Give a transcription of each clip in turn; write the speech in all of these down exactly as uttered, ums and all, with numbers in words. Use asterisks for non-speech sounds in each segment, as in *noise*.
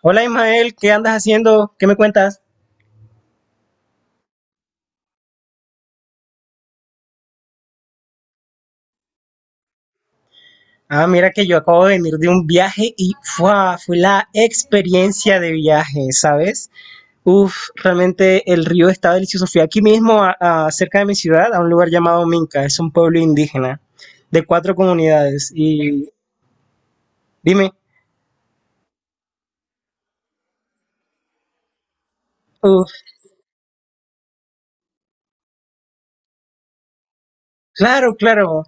Hola Ismael, ¿qué andas haciendo? ¿Qué me cuentas? Ah, mira que yo acabo de venir de un viaje y ¡fua! Fue la experiencia de viaje, ¿sabes? Uf, realmente el río está delicioso. Fui aquí mismo, a- a- cerca de mi ciudad, a un lugar llamado Minca, es un pueblo indígena de cuatro comunidades. Y dime. Claro, claro.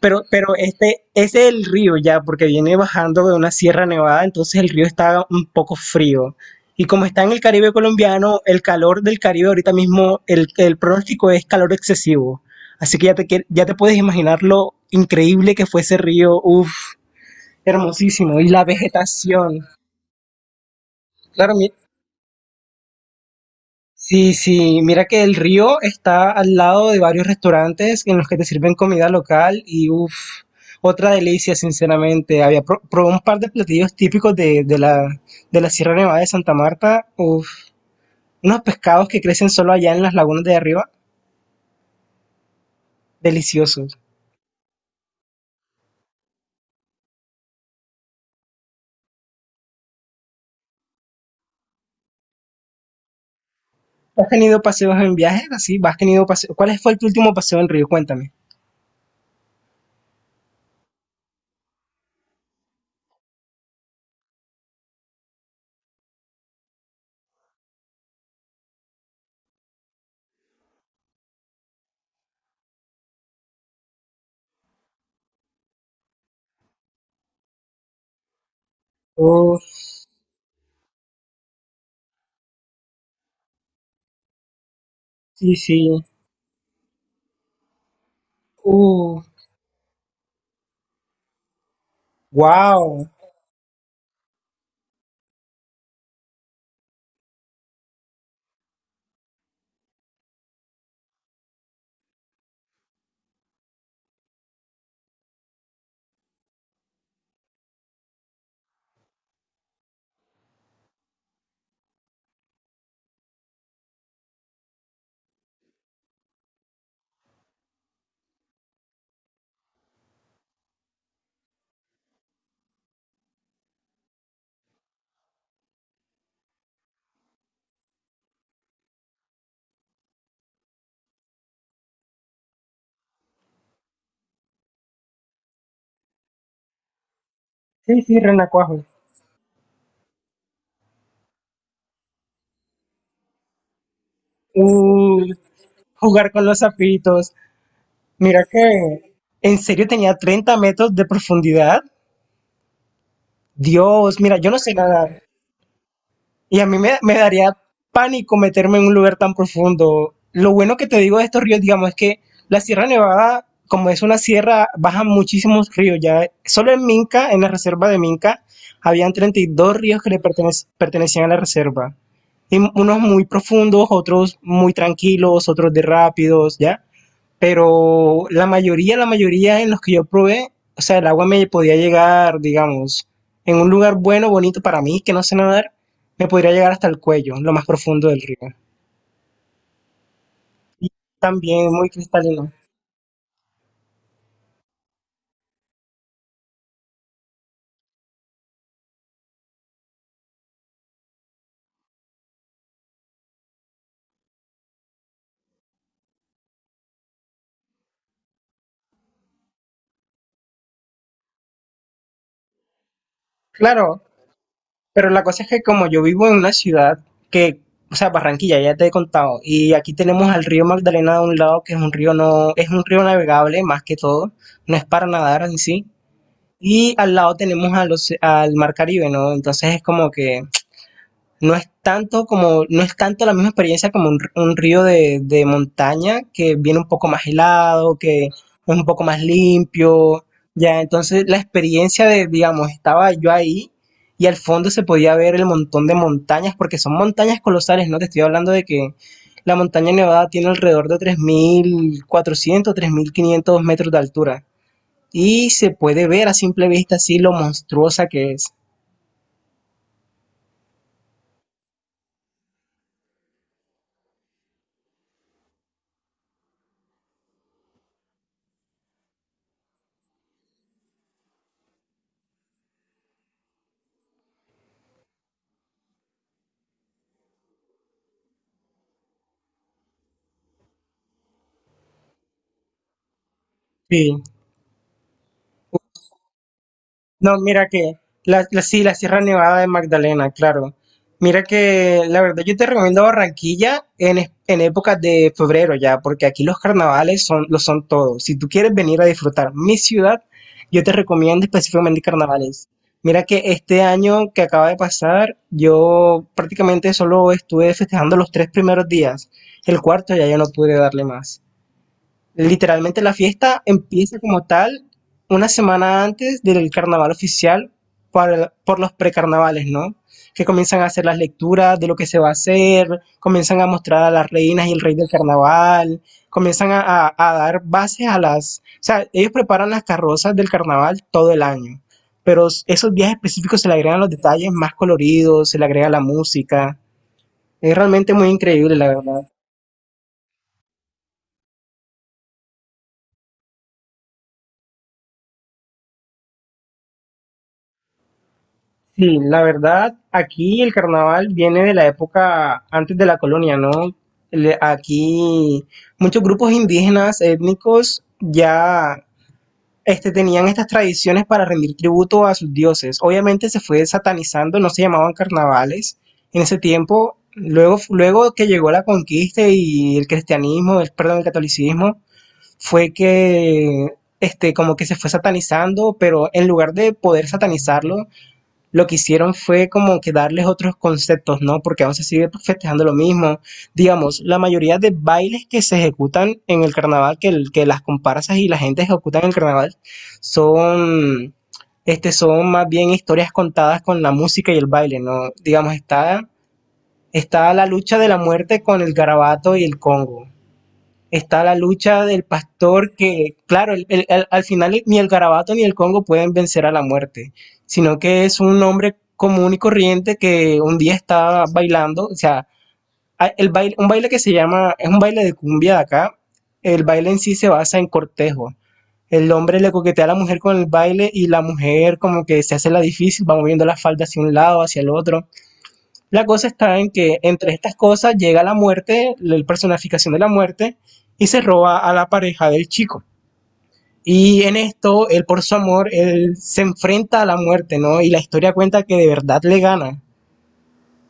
Pero, pero este, ese es el río ya, porque viene bajando de una sierra nevada, entonces el río está un poco frío. Y como está en el Caribe colombiano, el calor del Caribe ahorita mismo, el, el pronóstico es calor excesivo. Así que ya te, quie- ya te puedes imaginar lo increíble que fue ese río. Uf, hermosísimo. Y la vegetación. Claro, mi- sí, sí, mira que el río está al lado de varios restaurantes en los que te sirven comida local y uff, otra delicia, sinceramente. Había pro- probé un par de platillos típicos de, de la, de la Sierra Nevada de Santa Marta, uff, unos pescados que crecen solo allá en las lagunas de arriba, deliciosos. ¿Has tenido paseos en viajes así? ¿Has tenido paseo? ¿Cuál fue tu último paseo en río? Cuéntame. Uff, sí, sí. Uh, wow. Sí, sí, renacuajo. Uh, jugar con los zapitos. Mira que en serio tenía treinta metros de profundidad. Dios, mira, yo no sé nadar. Y a mí me, me daría pánico meterme en un lugar tan profundo. Lo bueno que te digo de estos ríos, digamos, es que la Sierra Nevada, como es una sierra, bajan muchísimos ríos. Ya solo en Minca, en la reserva de Minca, habían treinta y dos ríos que le pertenec- pertenecían a la reserva. Y unos muy profundos, otros muy tranquilos, otros de rápidos, ¿ya? Pero la mayoría, la mayoría en los que yo probé, o sea, el agua me podía llegar, digamos, en un lugar bueno, bonito para mí, que no sé nadar, me podría llegar hasta el cuello, lo más profundo del río. Y también muy cristalino. Claro, pero la cosa es que como yo vivo en una ciudad que, o sea, Barranquilla, ya te he contado, y aquí tenemos al río Magdalena de un lado, que es un río no, es un río navegable más que todo, no es para nadar en sí. Y al lado tenemos al, oce- al Mar Caribe, ¿no? Entonces es como que no es tanto como, no es tanto la misma experiencia como un, un río de, de montaña que viene un poco más helado, que es un poco más limpio. Ya, entonces la experiencia de, digamos, estaba yo ahí y al fondo se podía ver el montón de montañas, porque son montañas colosales, ¿no? Te estoy hablando de que la montaña Nevada tiene alrededor de tres tres mil cuatrocientos tres mil quinientos metros de altura. Y se puede ver a simple vista así lo monstruosa que es. Sí. No, mira que la, la- sí, la Sierra Nevada de Magdalena, claro. Mira que la verdad yo te recomiendo Barranquilla en, es- en épocas de febrero ya, porque aquí los carnavales son, lo son todo. Si tú quieres venir a disfrutar mi ciudad, yo te recomiendo específicamente carnavales. Mira que este año que acaba de pasar, yo prácticamente solo estuve festejando los tres primeros días. El cuarto ya yo no pude darle más. Literalmente la fiesta empieza como tal una semana antes del carnaval oficial para el- por los precarnavales, ¿no? Que comienzan a hacer las lecturas de lo que se va a hacer, comienzan a mostrar a las reinas y el rey del carnaval, comienzan a, a- a dar bases a las... O sea, ellos preparan las carrozas del carnaval todo el año, pero s- esos días específicos se le agregan los detalles más coloridos, se le agrega la música. Es realmente muy increíble, la verdad. Sí, la verdad, aquí el carnaval viene de la época antes de la colonia, ¿no? Le- Aquí muchos grupos indígenas étnicos ya este, tenían estas tradiciones para rendir tributo a sus dioses. Obviamente se fue satanizando, no se llamaban carnavales en ese tiempo. Luego, luego que llegó la conquista y el cristianismo, el, perdón, el catolicismo, fue que este, como que se fue satanizando, pero en lugar de poder satanizarlo, lo que hicieron fue como que darles otros conceptos, ¿no? Porque aún se sigue festejando lo mismo. Digamos, la mayoría de bailes que se ejecutan en el carnaval, que, el- que las comparsas y la gente ejecutan en el carnaval, son, este, son más bien historias contadas con la música y el baile, ¿no? Digamos, está, está la lucha de la muerte con el garabato y el congo, está la lucha del pastor que, claro, el- el- al al final ni el garabato ni el Congo pueden vencer a la muerte, sino que es un hombre común y corriente que un día está bailando, o sea, a- el baile, un baile que se llama, es un baile de cumbia de acá, el baile en sí se basa en cortejo. El hombre le coquetea a la mujer con el baile y la mujer como que se hace la difícil, va moviendo la falda hacia un lado, hacia el otro. La cosa está en que entre estas cosas llega la muerte, la personificación de la muerte, y se roba a la pareja del chico. Y en esto, él por su amor, él se enfrenta a la muerte, ¿no? Y la historia cuenta que de verdad le gana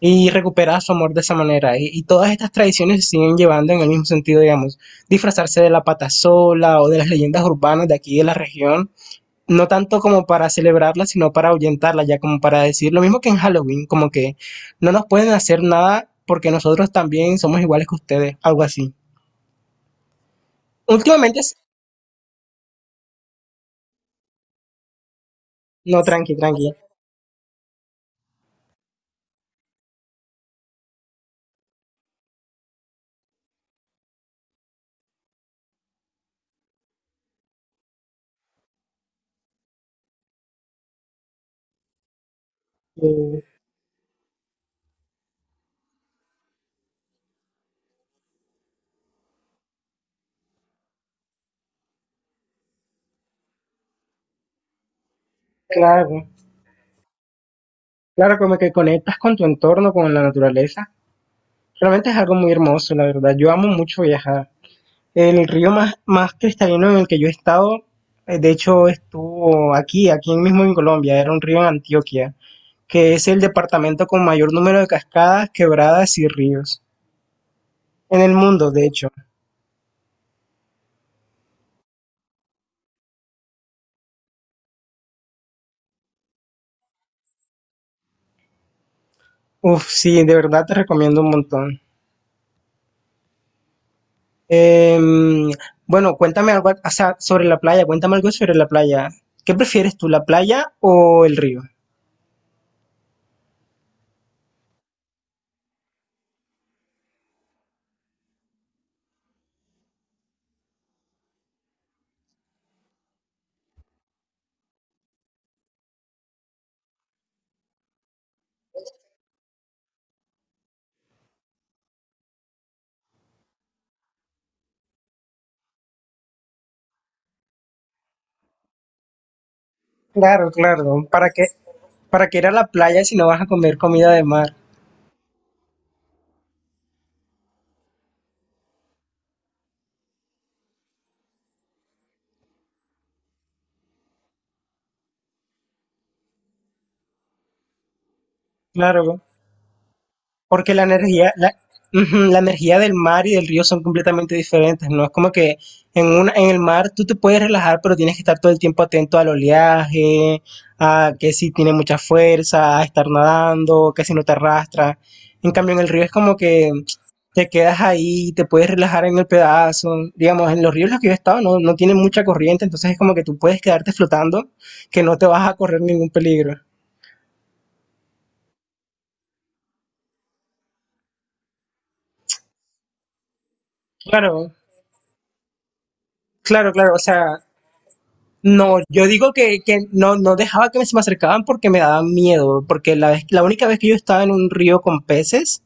y recupera su amor de esa manera. Y, y todas estas tradiciones se siguen llevando en el mismo sentido, digamos, disfrazarse de la patasola o de las leyendas urbanas de aquí de la región, no tanto como para celebrarla, sino para ahuyentarla, ya como para decir lo mismo que en Halloween, como que no nos pueden hacer nada porque nosotros también somos iguales que ustedes, algo así. Últimamente, es- no, tranqui, tranqui. Eh, claro, claro, como que conectas con tu entorno, con la naturaleza. Realmente es algo muy hermoso, la verdad. Yo amo mucho viajar. El río más, más cristalino en el que yo he estado, eh, de hecho, estuvo aquí, aquí mismo en Colombia, era un río en Antioquia, que es el departamento con mayor número de cascadas, quebradas y ríos en el mundo, de hecho. Uf, sí, de verdad te recomiendo un montón. Em, bueno, cuéntame algo, o sea, sobre la playa, cuéntame algo sobre la playa. ¿Qué prefieres tú, la playa o el río? Claro, claro, ¿para qué, ¿para qué ir a la playa si no vas a comer comida de mar? Claro. Porque la energía, la, ujú, la energía del mar y del río son completamente diferentes, ¿no? Es como que en una, en el mar tú te puedes relajar, pero tienes que estar todo el tiempo atento al oleaje, a que si tiene mucha fuerza, a estar nadando, que si no te arrastra. En cambio, en el río es como que te quedas ahí, te puedes relajar en el pedazo. Digamos, en los ríos en los que yo he estado no, no tienen mucha corriente, entonces es como que tú puedes quedarte flotando, que no te vas a correr ningún peligro. Claro, claro, claro. O sea, no, yo digo que, que no, no dejaba que se me acercaban porque me daban miedo, porque la vez, la única vez que yo estaba en un río con peces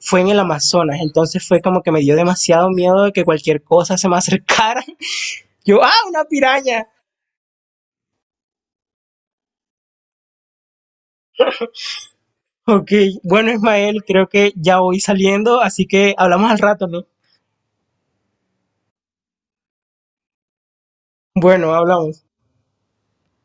fue en el Amazonas, entonces fue como que me dio demasiado miedo de que cualquier cosa se me acercara. *laughs* Yo, ah, una piraña. Ok, bueno, Ismael, creo que ya voy saliendo, así que hablamos al rato, ¿no? Bueno, hablamos.